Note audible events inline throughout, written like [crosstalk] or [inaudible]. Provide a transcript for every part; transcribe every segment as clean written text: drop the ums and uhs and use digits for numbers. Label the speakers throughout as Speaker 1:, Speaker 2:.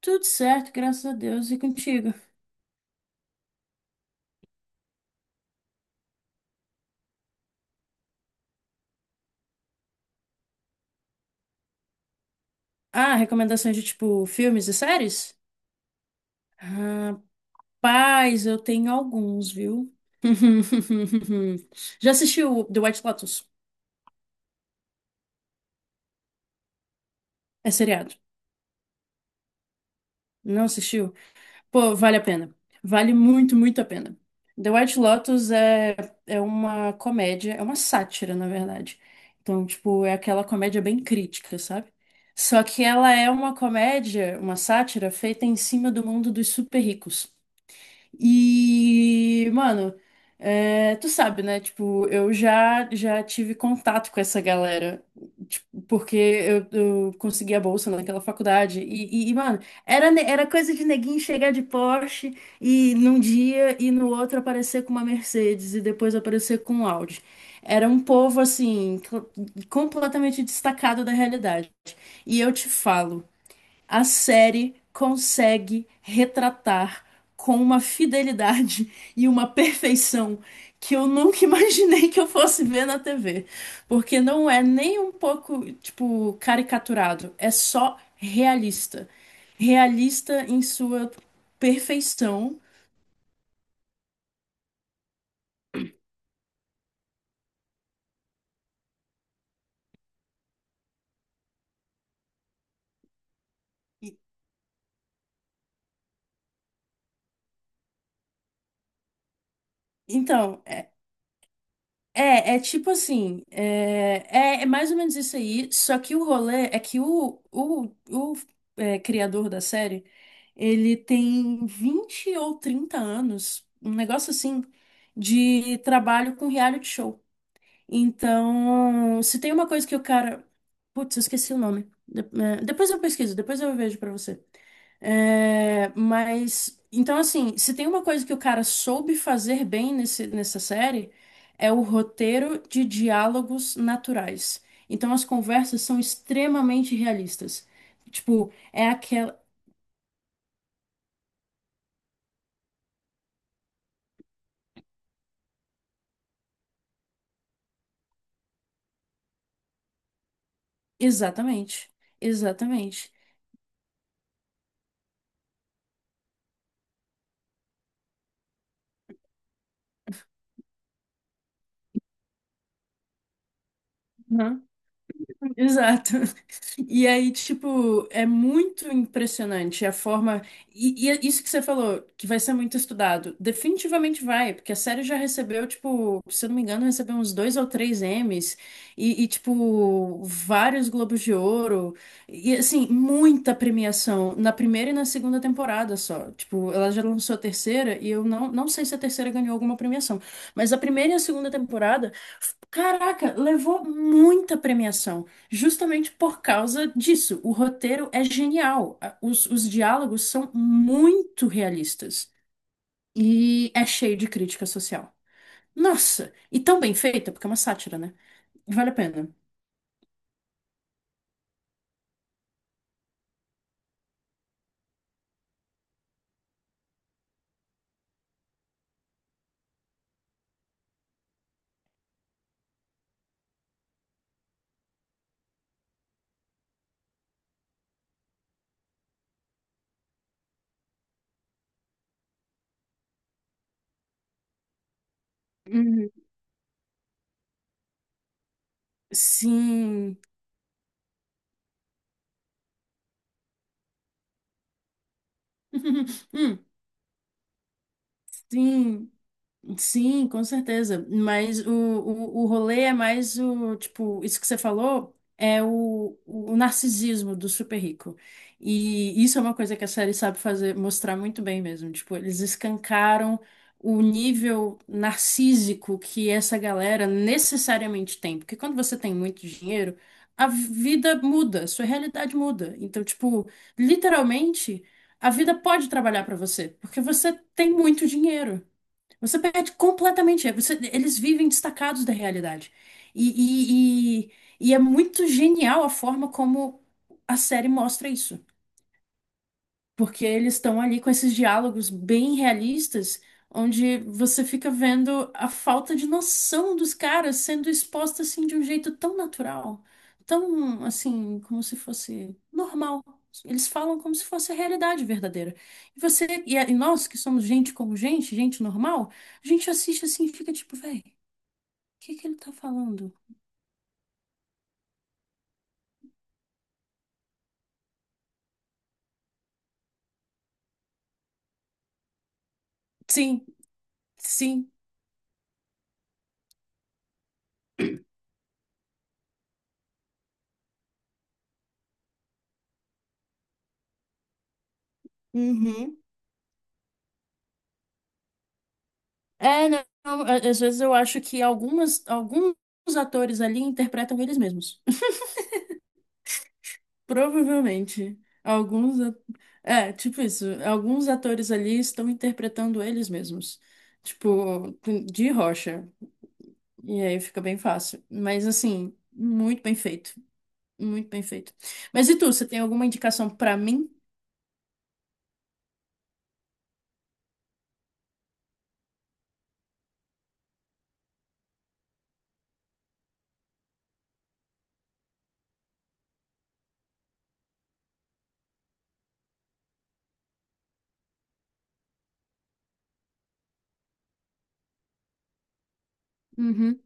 Speaker 1: Tudo certo, graças a Deus. E contigo? Ah, recomendações de tipo filmes e séries? Rapaz, eu tenho alguns, viu? [laughs] Já assistiu The White Lotus? É seriado. Não assistiu? Pô, vale a pena. Vale muito, muito a pena. The White Lotus é uma comédia, é uma sátira, na verdade. Então, tipo, é aquela comédia bem crítica, sabe? Só que ela é uma comédia, uma sátira feita em cima do mundo dos super ricos. E, mano, tu sabe, né? Tipo, eu já tive contato com essa galera, tipo, porque eu consegui a bolsa naquela faculdade. E, mano, era coisa de neguinho chegar de Porsche e num dia e no outro aparecer com uma Mercedes e depois aparecer com um Audi. Era um povo, assim, completamente destacado da realidade. E eu te falo a série consegue retratar com uma fidelidade [laughs] e uma perfeição que eu nunca [laughs] imaginei que eu fosse ver na TV. Porque não é nem um pouco, tipo, caricaturado, é só realista. Realista em sua perfeição. E- Então, É tipo assim, é mais ou menos isso aí, só que o rolê é que o criador da série, ele tem 20 ou 30 anos, um negócio assim, de trabalho com reality show. Então, se tem uma coisa que o cara. Putz, eu esqueci o nome. Depois eu pesquiso, depois eu vejo pra você. É, mas, então, assim, se tem uma coisa que o cara soube fazer bem nessa série, é o roteiro de diálogos naturais. Então, as conversas são extremamente realistas. Tipo, é aquela. Exatamente. Exatamente. Uhum. Exato. [laughs] E aí, tipo, é muito impressionante a forma. E é isso que você falou, que vai ser muito estudado. Definitivamente vai, porque a série já recebeu, tipo, se eu não me engano, recebeu uns dois ou três Emmys e, tipo, vários Globos de Ouro. E, assim, muita premiação na primeira e na segunda temporada só. Tipo, ela já lançou a terceira e eu não sei se a terceira ganhou alguma premiação, mas a primeira e a segunda temporada, caraca, levou muita premiação. Justamente por causa disso, o roteiro é genial. Os diálogos são muito realistas e é cheio de crítica social. Nossa, e tão bem feita, porque é uma sátira, né? Vale a pena. Uhum. Sim. [laughs] Hum, sim. Sim, com certeza. Mas o rolê é mais tipo, isso que você falou é o narcisismo do super rico. E isso é uma coisa que a série sabe fazer, mostrar muito bem mesmo. Tipo, eles escancaram o nível narcísico que essa galera necessariamente tem. Porque quando você tem muito dinheiro, a vida muda, sua realidade muda. Então, tipo, literalmente, a vida pode trabalhar para você, porque você tem muito dinheiro. Você perde completamente. Eles vivem destacados da realidade. E, e, e, e é muito genial a forma como a série mostra isso porque eles estão ali com esses diálogos bem realistas, onde você fica vendo a falta de noção dos caras sendo exposta assim de um jeito tão natural, tão assim, como se fosse normal. Eles falam como se fosse a realidade verdadeira. E nós que somos gente como gente, gente normal, a gente assiste assim e fica tipo, véi, o que que ele tá falando? Sim, sim. Uhum. Não, não, às vezes eu acho que alguns atores ali interpretam eles mesmos. [laughs] Provavelmente. Alguns. É, tipo isso. Alguns atores ali estão interpretando eles mesmos. Tipo, de rocha. E aí fica bem fácil. Mas, assim, muito bem feito. Muito bem feito. Mas e tu, você tem alguma indicação pra mim? Uhum,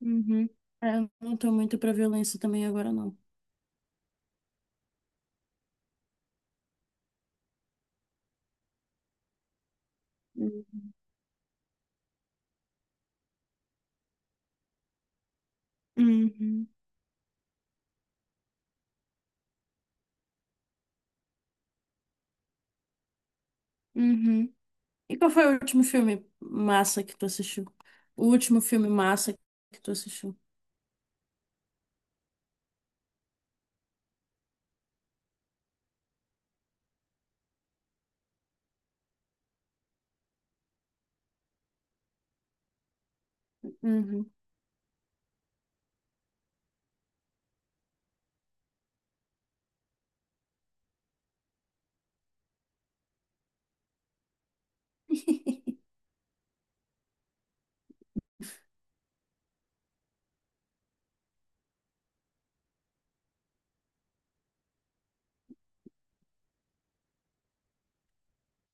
Speaker 1: uhum. É, eu não tô muito pra violência também agora, não. Uhum, uhum. E qual foi o último filme massa que tu assistiu? O último filme massa que tu assistiu? Uhum. [laughs]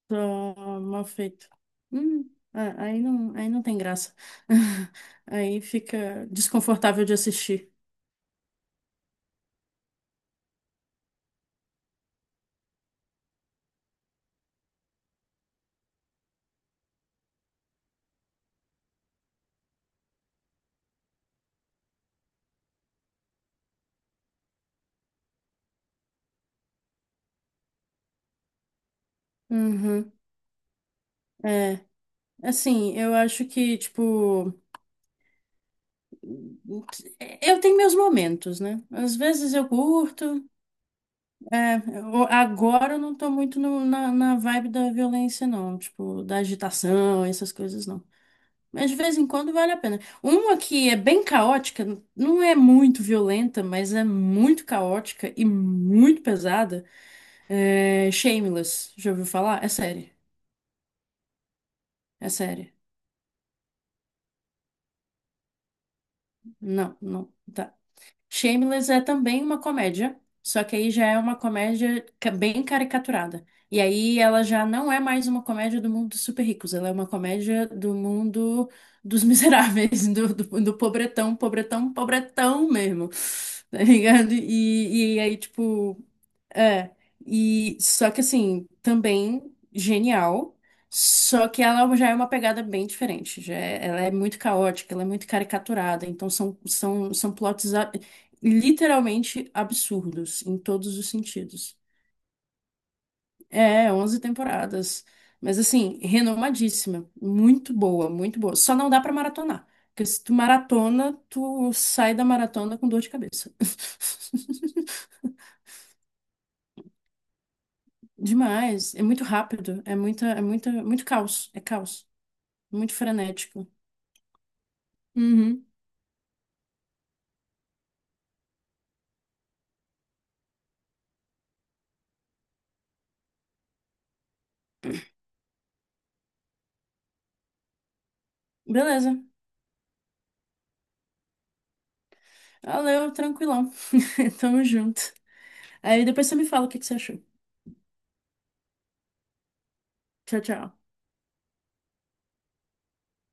Speaker 1: Tá mal feito. Ah, aí não tem graça. [laughs] Aí fica desconfortável de assistir. Uhum. É, assim, eu acho que, tipo, eu tenho meus momentos, né? Às vezes eu curto, agora eu não tô muito na vibe da violência, não, tipo, da agitação, essas coisas, não. Mas de vez em quando vale a pena. Uma que é bem caótica, não é muito violenta, mas é muito caótica e muito pesada, é Shameless. Já ouviu falar? É série. É série. Não, não. Tá. Shameless é também uma comédia, só que aí já é uma comédia bem caricaturada. E aí ela já não é mais uma comédia do mundo dos super ricos, ela é uma comédia do mundo dos miseráveis, [laughs] do pobretão, pobretão, pobretão mesmo. Tá ligado? E aí, tipo. É, e só que assim, também genial, só que ela já é uma pegada bem diferente, ela é muito caótica, ela é muito caricaturada, então são plots literalmente absurdos em todos os sentidos. É, 11 temporadas, mas assim, renomadíssima, muito boa, só não dá pra maratonar, porque se tu maratona, tu sai da maratona com dor de cabeça. [laughs] Demais. É muito rápido. É muito caos. É caos. Muito frenético. Uhum. Beleza. Valeu, tranquilão. [laughs] Tamo junto. Aí depois você me fala o que que você achou. Tchau, tchau.